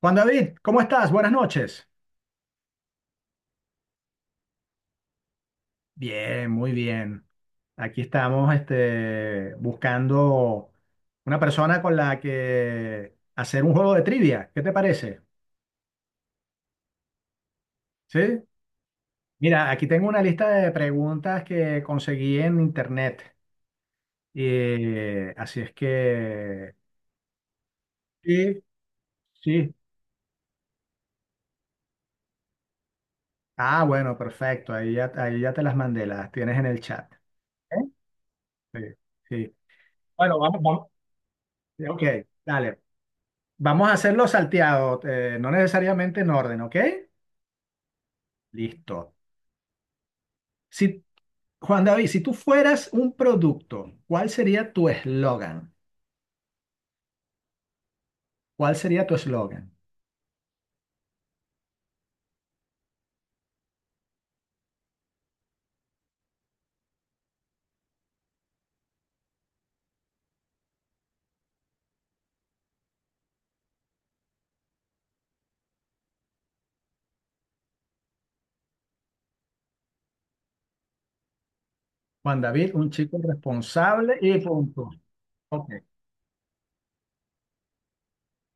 Juan David, ¿cómo estás? Buenas noches. Bien, muy bien. Aquí estamos buscando una persona con la que hacer un juego de trivia. ¿Qué te parece? ¿Sí? Mira, aquí tengo una lista de preguntas que conseguí en internet. Así es que... Sí, sí. Ah, bueno, perfecto. Ahí ya te las mandé, las tienes en el chat. ¿Eh? Sí, sí. Bueno, vamos. Ok, dale. Vamos a hacerlo salteado, no necesariamente en orden, ¿ok? Listo. Si, Juan David, si tú fueras un producto, ¿cuál sería tu eslogan? ¿Cuál sería tu eslogan? Juan David, un chico responsable y punto. Ok,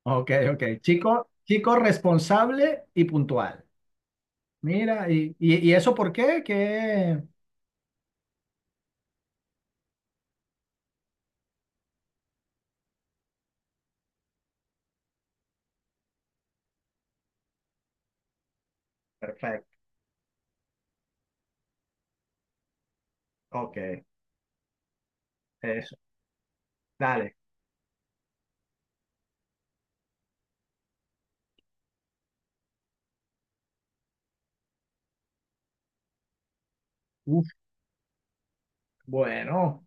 ok, ok. Chico responsable y puntual. Mira, ¿y eso por qué? Que... Perfecto, ok, eso, dale. Uf, bueno.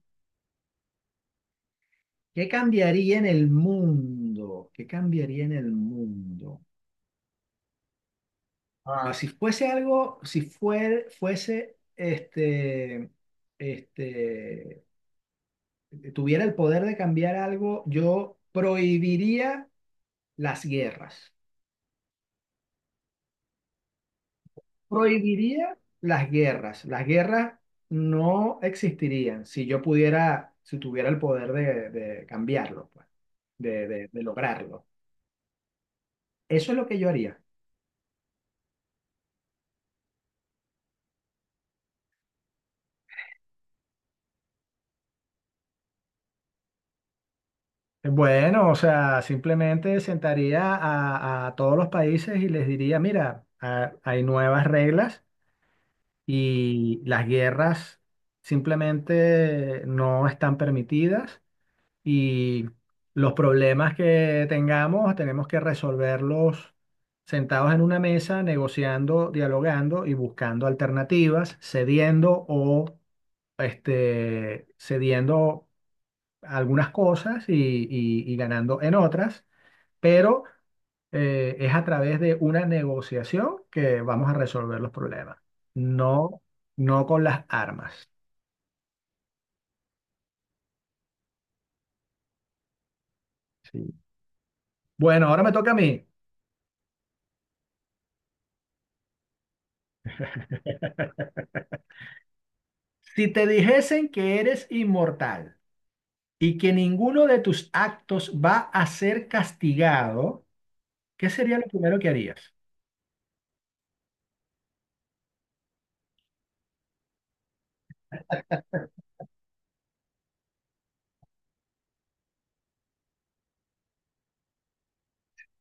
¿Qué cambiaría en el mundo? ¿Qué cambiaría en el mundo? Ah, si fuese algo, si fuer- fuese, este, tuviera el poder de cambiar algo, yo prohibiría las guerras. Prohibiría las guerras. Las guerras no existirían si yo pudiera, si tuviera el poder de cambiarlo, pues, de lograrlo. Eso es lo que yo haría. Bueno, o sea, simplemente sentaría a todos los países y les diría, mira, hay nuevas reglas y las guerras simplemente no están permitidas y los problemas que tengamos tenemos que resolverlos sentados en una mesa, negociando, dialogando y buscando alternativas, cediendo o cediendo algunas cosas y y ganando en otras pero es a través de una negociación que vamos a resolver los problemas, no, no con las armas. Sí. Bueno, ahora me toca a mí. Si te dijesen que eres inmortal y que ninguno de tus actos va a ser castigado, ¿qué sería lo primero que harías?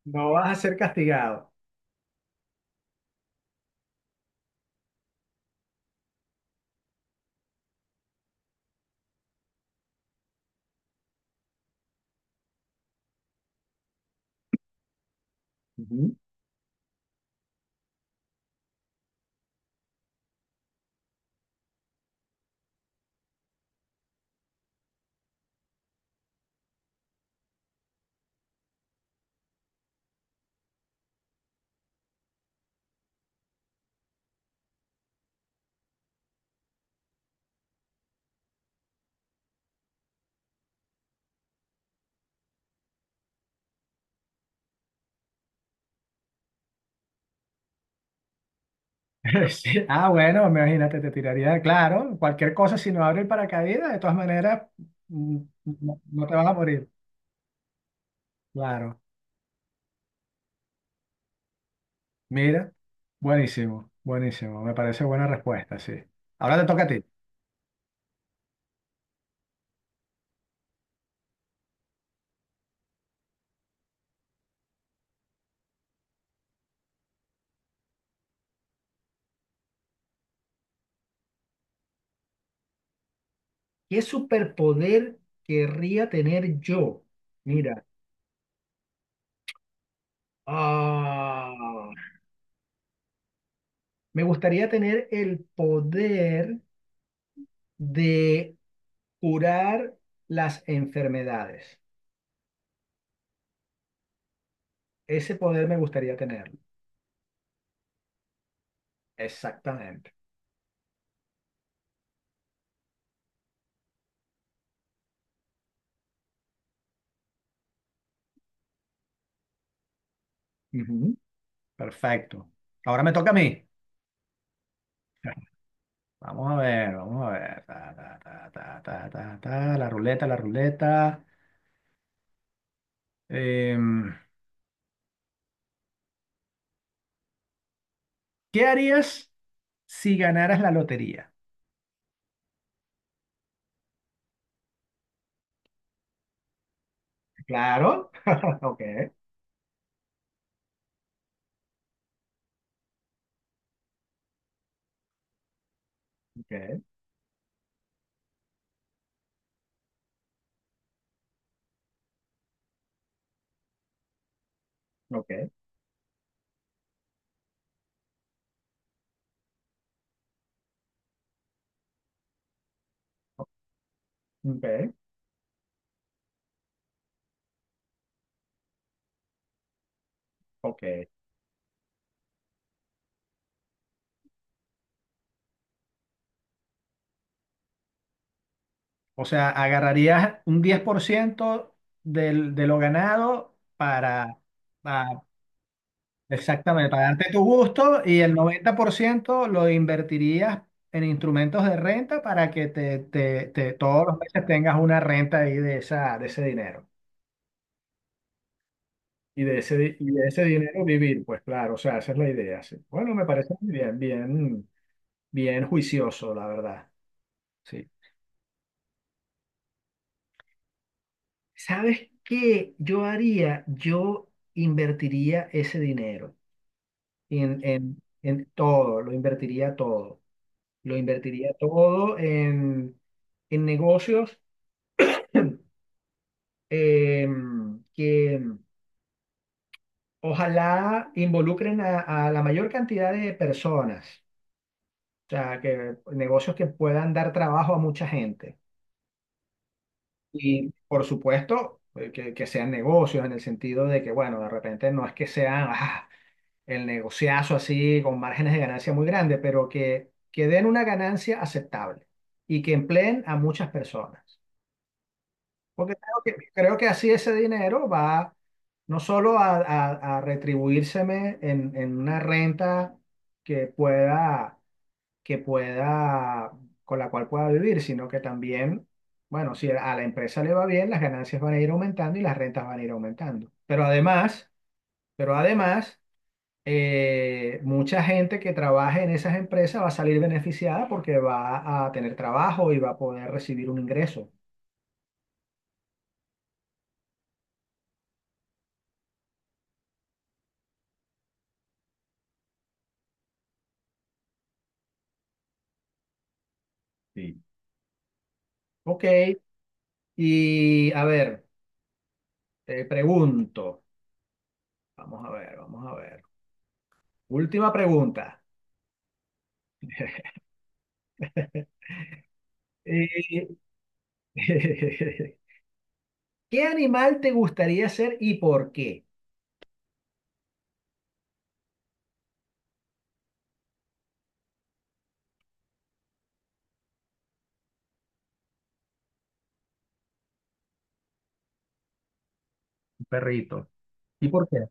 No vas a ser castigado. Ujú. Sí. Ah, bueno, imagínate, te tiraría, claro, cualquier cosa, si no abre el paracaídas, de todas maneras, mm, no, no te vas a morir. Claro. Mira, buenísimo, buenísimo. Me parece buena respuesta, sí. Ahora te toca a ti. ¿Qué superpoder querría tener yo? Mira, ah, me gustaría tener el poder de curar las enfermedades. Ese poder me gustaría tenerlo. Exactamente. Ujú. Perfecto. Ahora me toca a mí. Vamos a ver, vamos a ver. Ta, ta, ta, ta, ta, ta, ta, la ruleta, la ruleta. Em, ¿Qué harías si ganaras la lotería? Claro. Ok, ok, ok, ok, ok. O sea, agarrarías un 10% de lo ganado para, pa- exactamente, para darte tu gusto y el 90% lo invertirías en instrumentos de renta para que te, todos los meses tengas una renta ahí de, esa, de ese dinero. Y de ese dinero vivir, pues claro, o sea, esa es la idea, sí. Bueno, me parece muy bien, bien juicioso, la verdad. Sí. ¿Sabes qué yo haría? Yo invertiría ese dinero en todo, lo invertiría todo. Lo invertiría todo en negocios em, que ojalá involucren a la mayor cantidad de personas. O sea, que negocios que puedan dar trabajo a mucha gente. Y por supuesto, que sean negocios en el sentido de que, bueno, de repente no es que sea ah, el negociazo así con márgenes de ganancia muy grandes, pero que den una ganancia aceptable y que empleen a muchas personas. Porque creo que así ese dinero va no solo a retribuírseme en una renta que pueda que pueda, con la cual pueda vivir, sino que también, bueno, si a la empresa le va bien, las ganancias van a ir aumentando y las rentas van a ir aumentando. Pero además, mucha gente que trabaje en esas empresas va a salir beneficiada porque va a tener trabajo y va a poder recibir un ingreso. Sí. Ok, y a ver, te pregunto, vamos a ver, vamos a ver. Última pregunta. Eh, ¿Qué animal te gustaría ser y por qué? Un perrito. ¿Y por qué?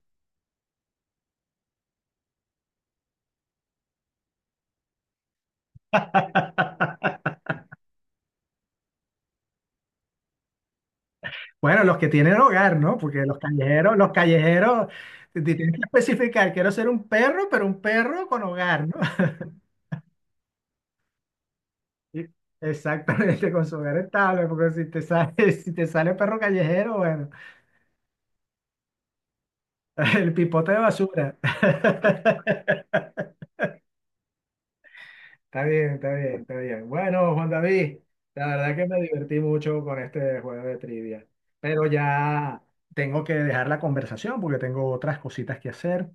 Bueno, los que tienen hogar, ¿no? Porque los callejeros, te tienes que especificar, quiero ser un perro, pero un perro con hogar, ¿no? Sí. Exactamente, con su hogar estable, porque si te sale, si te sale perro callejero, bueno, el pipote de basura. Está bien, está bien, está bien. Bueno, Juan David, la verdad que me divertí mucho con este juego de trivia, pero ya tengo que dejar la conversación porque tengo otras cositas que hacer,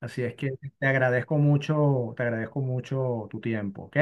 así es que te agradezco mucho tu tiempo, ¿ok?